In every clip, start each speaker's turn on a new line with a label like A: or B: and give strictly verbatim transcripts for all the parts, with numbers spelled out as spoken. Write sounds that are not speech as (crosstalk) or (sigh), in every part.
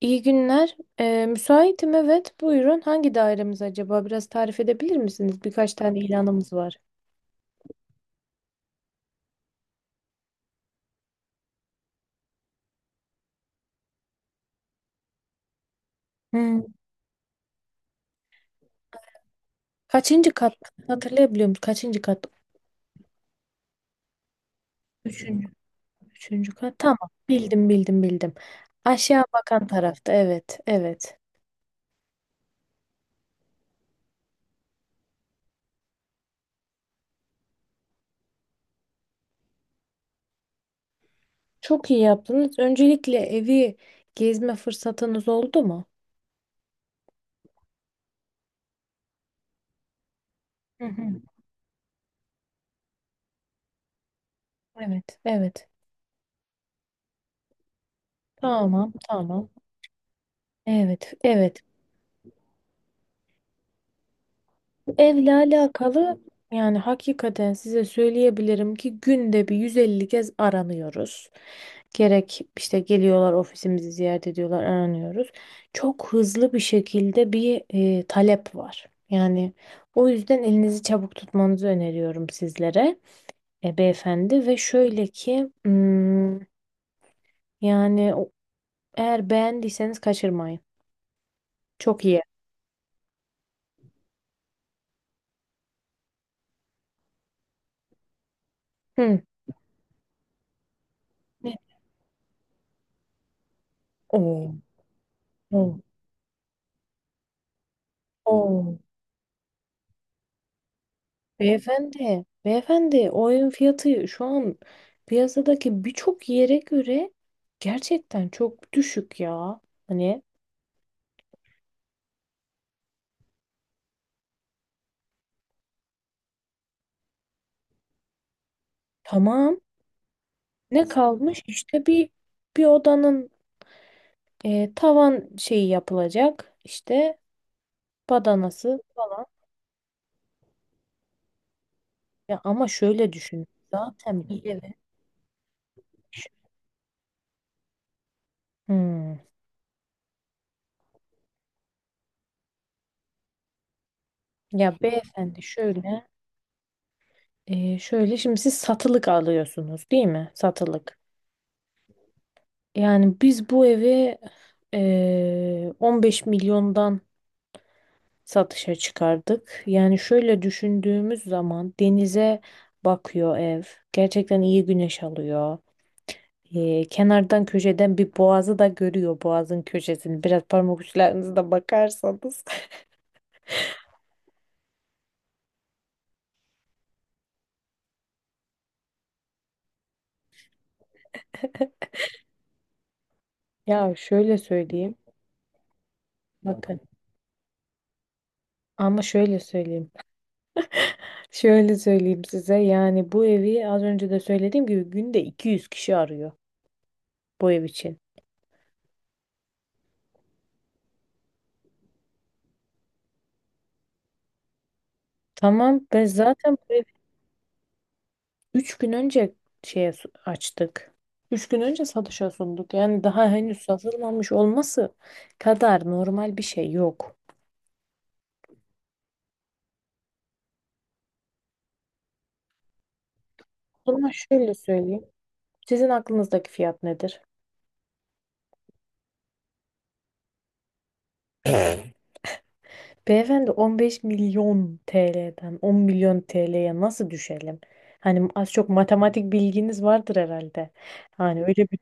A: İyi günler. Ee, müsaitim evet. Buyurun. Hangi dairemiz acaba? Biraz tarif edebilir misiniz? Birkaç tane ilanımız var. Hmm. Kaçıncı kat? Hatırlayabiliyor musun? Kaçıncı kat? Üçüncü. Üçüncü kat. Tamam. Bildim bildim bildim. Aşağı bakan tarafta. Evet. Evet. Çok iyi yaptınız. Öncelikle evi gezme fırsatınız oldu mu? Hı hı. Evet, evet. Tamam, tamam. Evet, evet. Bu evle alakalı yani hakikaten size söyleyebilirim ki günde bir yüz elli kez aranıyoruz. Gerek işte geliyorlar ofisimizi ziyaret ediyorlar, aranıyoruz. Çok hızlı bir şekilde bir e, talep var. Yani o yüzden elinizi çabuk tutmanızı öneriyorum sizlere e, beyefendi ve şöyle ki hmm, yani o- eğer beğendiyseniz kaçırmayın. Çok iyi. Hı. Oo, oo, oo. Beyefendi, beyefendi o evin fiyatı şu an piyasadaki birçok yere göre gerçekten çok düşük ya. Hani tamam, ne kalmış işte bir bir odanın e, tavan şeyi yapılacak, işte badanası. Ya ama şöyle düşün, zaten bir eve. Hmm. Ya beyefendi şöyle e, şöyle şimdi siz satılık alıyorsunuz değil mi? Satılık. Yani biz bu evi eee, on beş milyondan satışa çıkardık. Yani şöyle düşündüğümüz zaman denize bakıyor ev. Gerçekten iyi güneş alıyor. Eee, kenardan köşeden bir boğazı da görüyor, boğazın köşesini. Biraz parmak uçlarınızda bakarsanız. (laughs) Ya şöyle söyleyeyim. Bakın. Ama şöyle söyleyeyim. (laughs) Şöyle söyleyeyim size. Yani bu evi az önce de söylediğim gibi günde iki yüz kişi arıyor bu ev için. Tamam, ben zaten. Üç gün önce şeye su- açtık. Üç gün önce satışa sunduk. Yani daha henüz satılmamış olması kadar normal bir şey yok. Ama şöyle söyleyeyim. Sizin aklınızdaki fiyat nedir? Beyefendi, on beş milyon T L'den on milyon T L'ye nasıl düşelim? Hani az çok matematik bilginiz vardır herhalde. Hani öyle bir...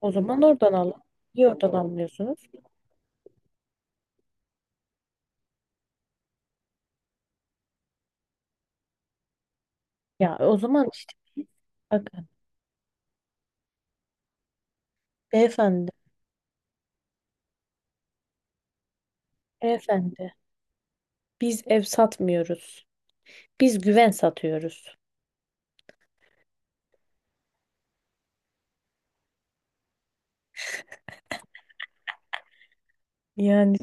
A: O zaman oradan alın. Niye oradan almıyorsunuz? Ya o zaman işte bakın beyefendi, beyefendi biz ev satmıyoruz. Biz güven satıyoruz. Yani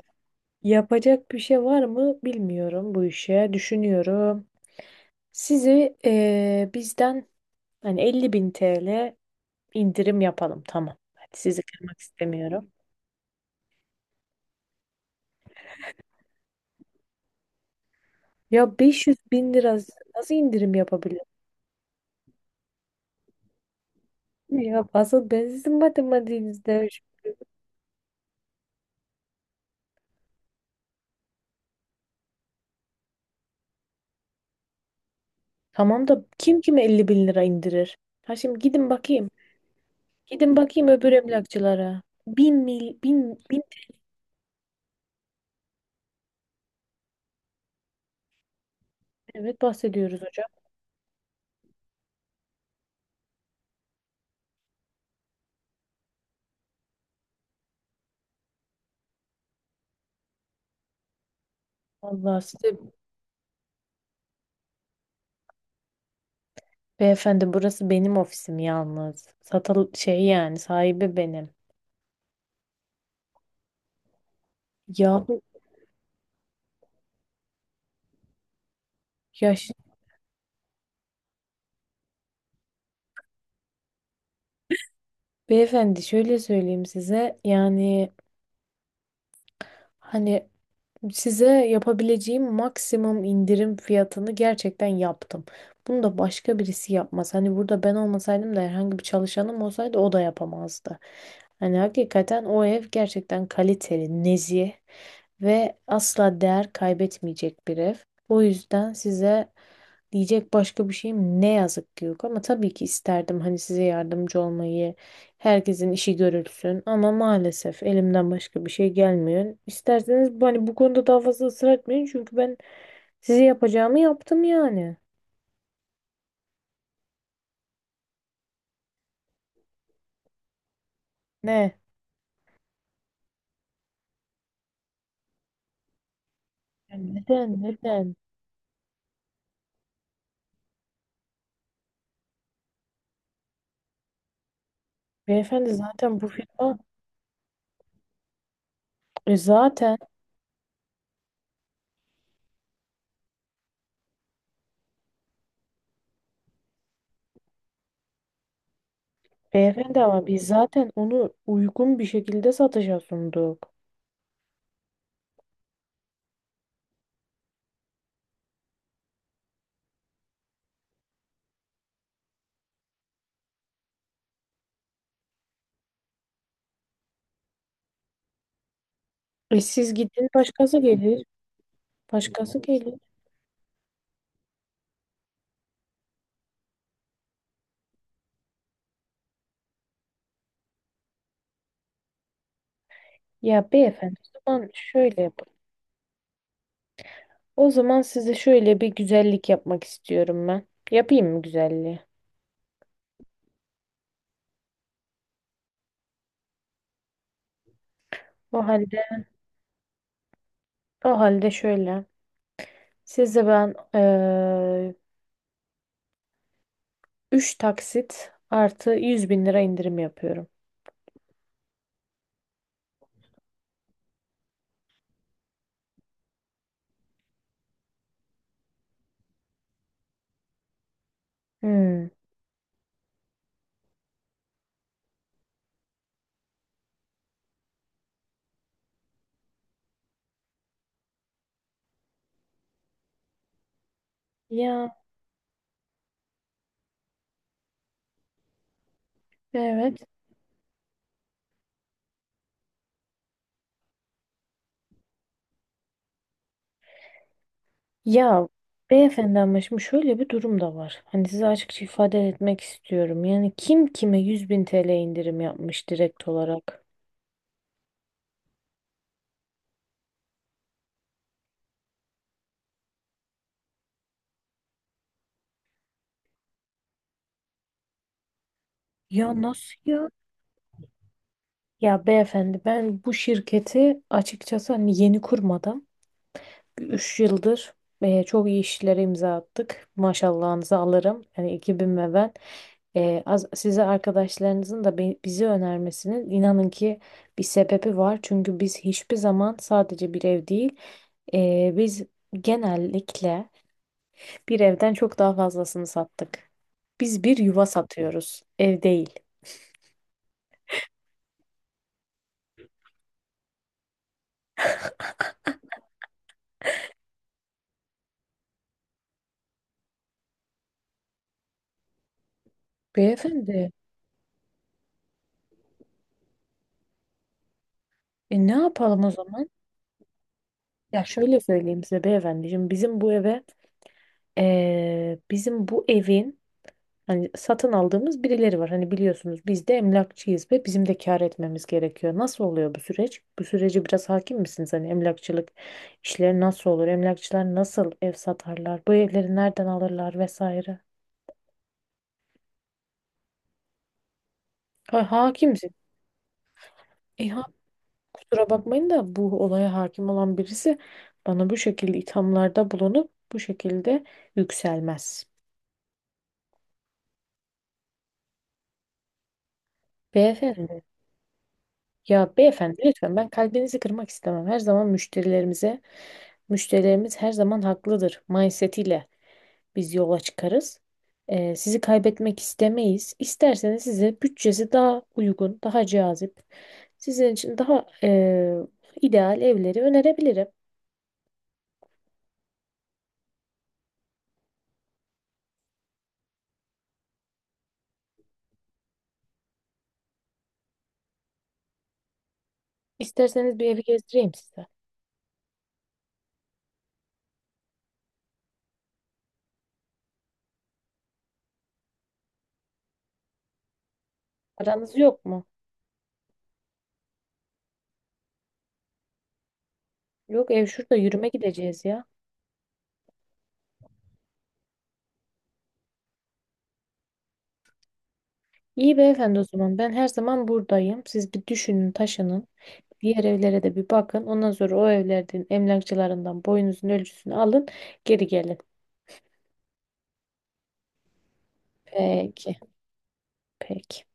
A: yapacak bir şey var mı bilmiyorum bu işe. Düşünüyorum. Sizi eee, bizden, hani elli bin T L indirim yapalım. Tamam. Hadi, sizi kırmak istemiyorum. Ya beş yüz bin lira nasıl indirim yapabilirim? Ya asıl ben sizin matematiğinizde. Tamam da kim kime elli bin lira indirir? Ha, şimdi gidin bakayım. Gidin bakayım öbür emlakçılara. Bin mil, bin, bin T L'den bahsediyoruz hocam. Allah size. Beyefendi, burası benim ofisim yalnız. Satal şey, yani sahibi benim. Ya, ya ş- beyefendi, şöyle söyleyeyim size yani, hani size yapabileceğim maksimum indirim fiyatını gerçekten yaptım. Bunu da başka birisi yapmaz. Hani burada ben olmasaydım da herhangi bir çalışanım olsaydı o da yapamazdı. Hani hakikaten o ev gerçekten kaliteli, nezih ve asla değer kaybetmeyecek bir ev. O yüzden size. Diyecek başka bir şeyim ne yazık ki yok, ama tabii ki isterdim hani size yardımcı olmayı, herkesin işi görülsün, ama maalesef elimden başka bir şey gelmiyor. İsterseniz bu- hani bu konuda daha fazla ısrar etmeyin, çünkü ben size yapacağımı yaptım yani. Ne? Yani neden? Neden? Beyefendi, zaten bu firma e zaten beyefendi, ama biz zaten onu uygun bir şekilde satışa sunduk. E siz gidin, başkası gelir. Başkası gelir. Ya beyefendi, o zaman şöyle yapalım. O zaman size şöyle bir güzellik yapmak istiyorum ben. Yapayım mı güzelliği? O halde, o halde şöyle. Size ben eee üç taksit artı yüz bin lira indirim yapıyorum. Hmm. Ya evet. Ya beyefendi, ama şimdi şöyle bir durum da var. Hani size açıkça ifade etmek istiyorum. Yani kim kime yüz bin T L indirim yapmış direkt olarak? Ya nasıl ya? Ya beyefendi, ben bu şirketi açıkçası hani yeni kurmadım. Üç yıldır e, çok iyi işlere imza attık. Maşallahınızı alırım. Yani ekibim ve ben. E, az, size arkadaşlarınızın da be- bizi önermesinin inanın ki bir sebebi var. Çünkü biz hiçbir zaman sadece bir ev değil, e, biz genellikle bir evden çok daha fazlasını sattık. Biz bir yuva satıyoruz, ev değil. Beyefendi, e, ne yapalım o zaman? Ya şöyle söyleyeyim size beyefendi. Şimdi bizim bu eve, e, bizim bu evin, hani satın aldığımız birileri var. Hani biliyorsunuz biz de emlakçıyız ve bizim de kâr etmemiz gerekiyor. Nasıl oluyor bu süreç? Bu sürece biraz hakim misiniz? Hani emlakçılık işleri nasıl olur? Emlakçılar nasıl ev satarlar? Bu evleri nereden alırlar vesaire? Ha, hakimsin. E, ha, kusura bakmayın da bu olaya hakim olan birisi bana bu şekilde ithamlarda bulunup bu şekilde yükselmez. Beyefendi. Ya beyefendi, lütfen ben kalbinizi kırmak istemem. Her zaman müşterilerimize. Müşterilerimiz her zaman haklıdır mindsetiyle biz yola çıkarız. Ee, sizi kaybetmek istemeyiz. İsterseniz size bütçesi daha uygun, daha cazip, sizin için daha e, ideal evleri önerebilirim. İsterseniz bir evi gezdireyim size. Paranız yok mu? Yok, ev şurada, yürüme gideceğiz ya. İyi beyefendi, o zaman ben her zaman buradayım. Siz bir düşünün, taşının. Diğer evlere de bir bakın. Ondan sonra o evlerin emlakçılarından boyunuzun ölçüsünü alın, geri gelin. Peki, peki.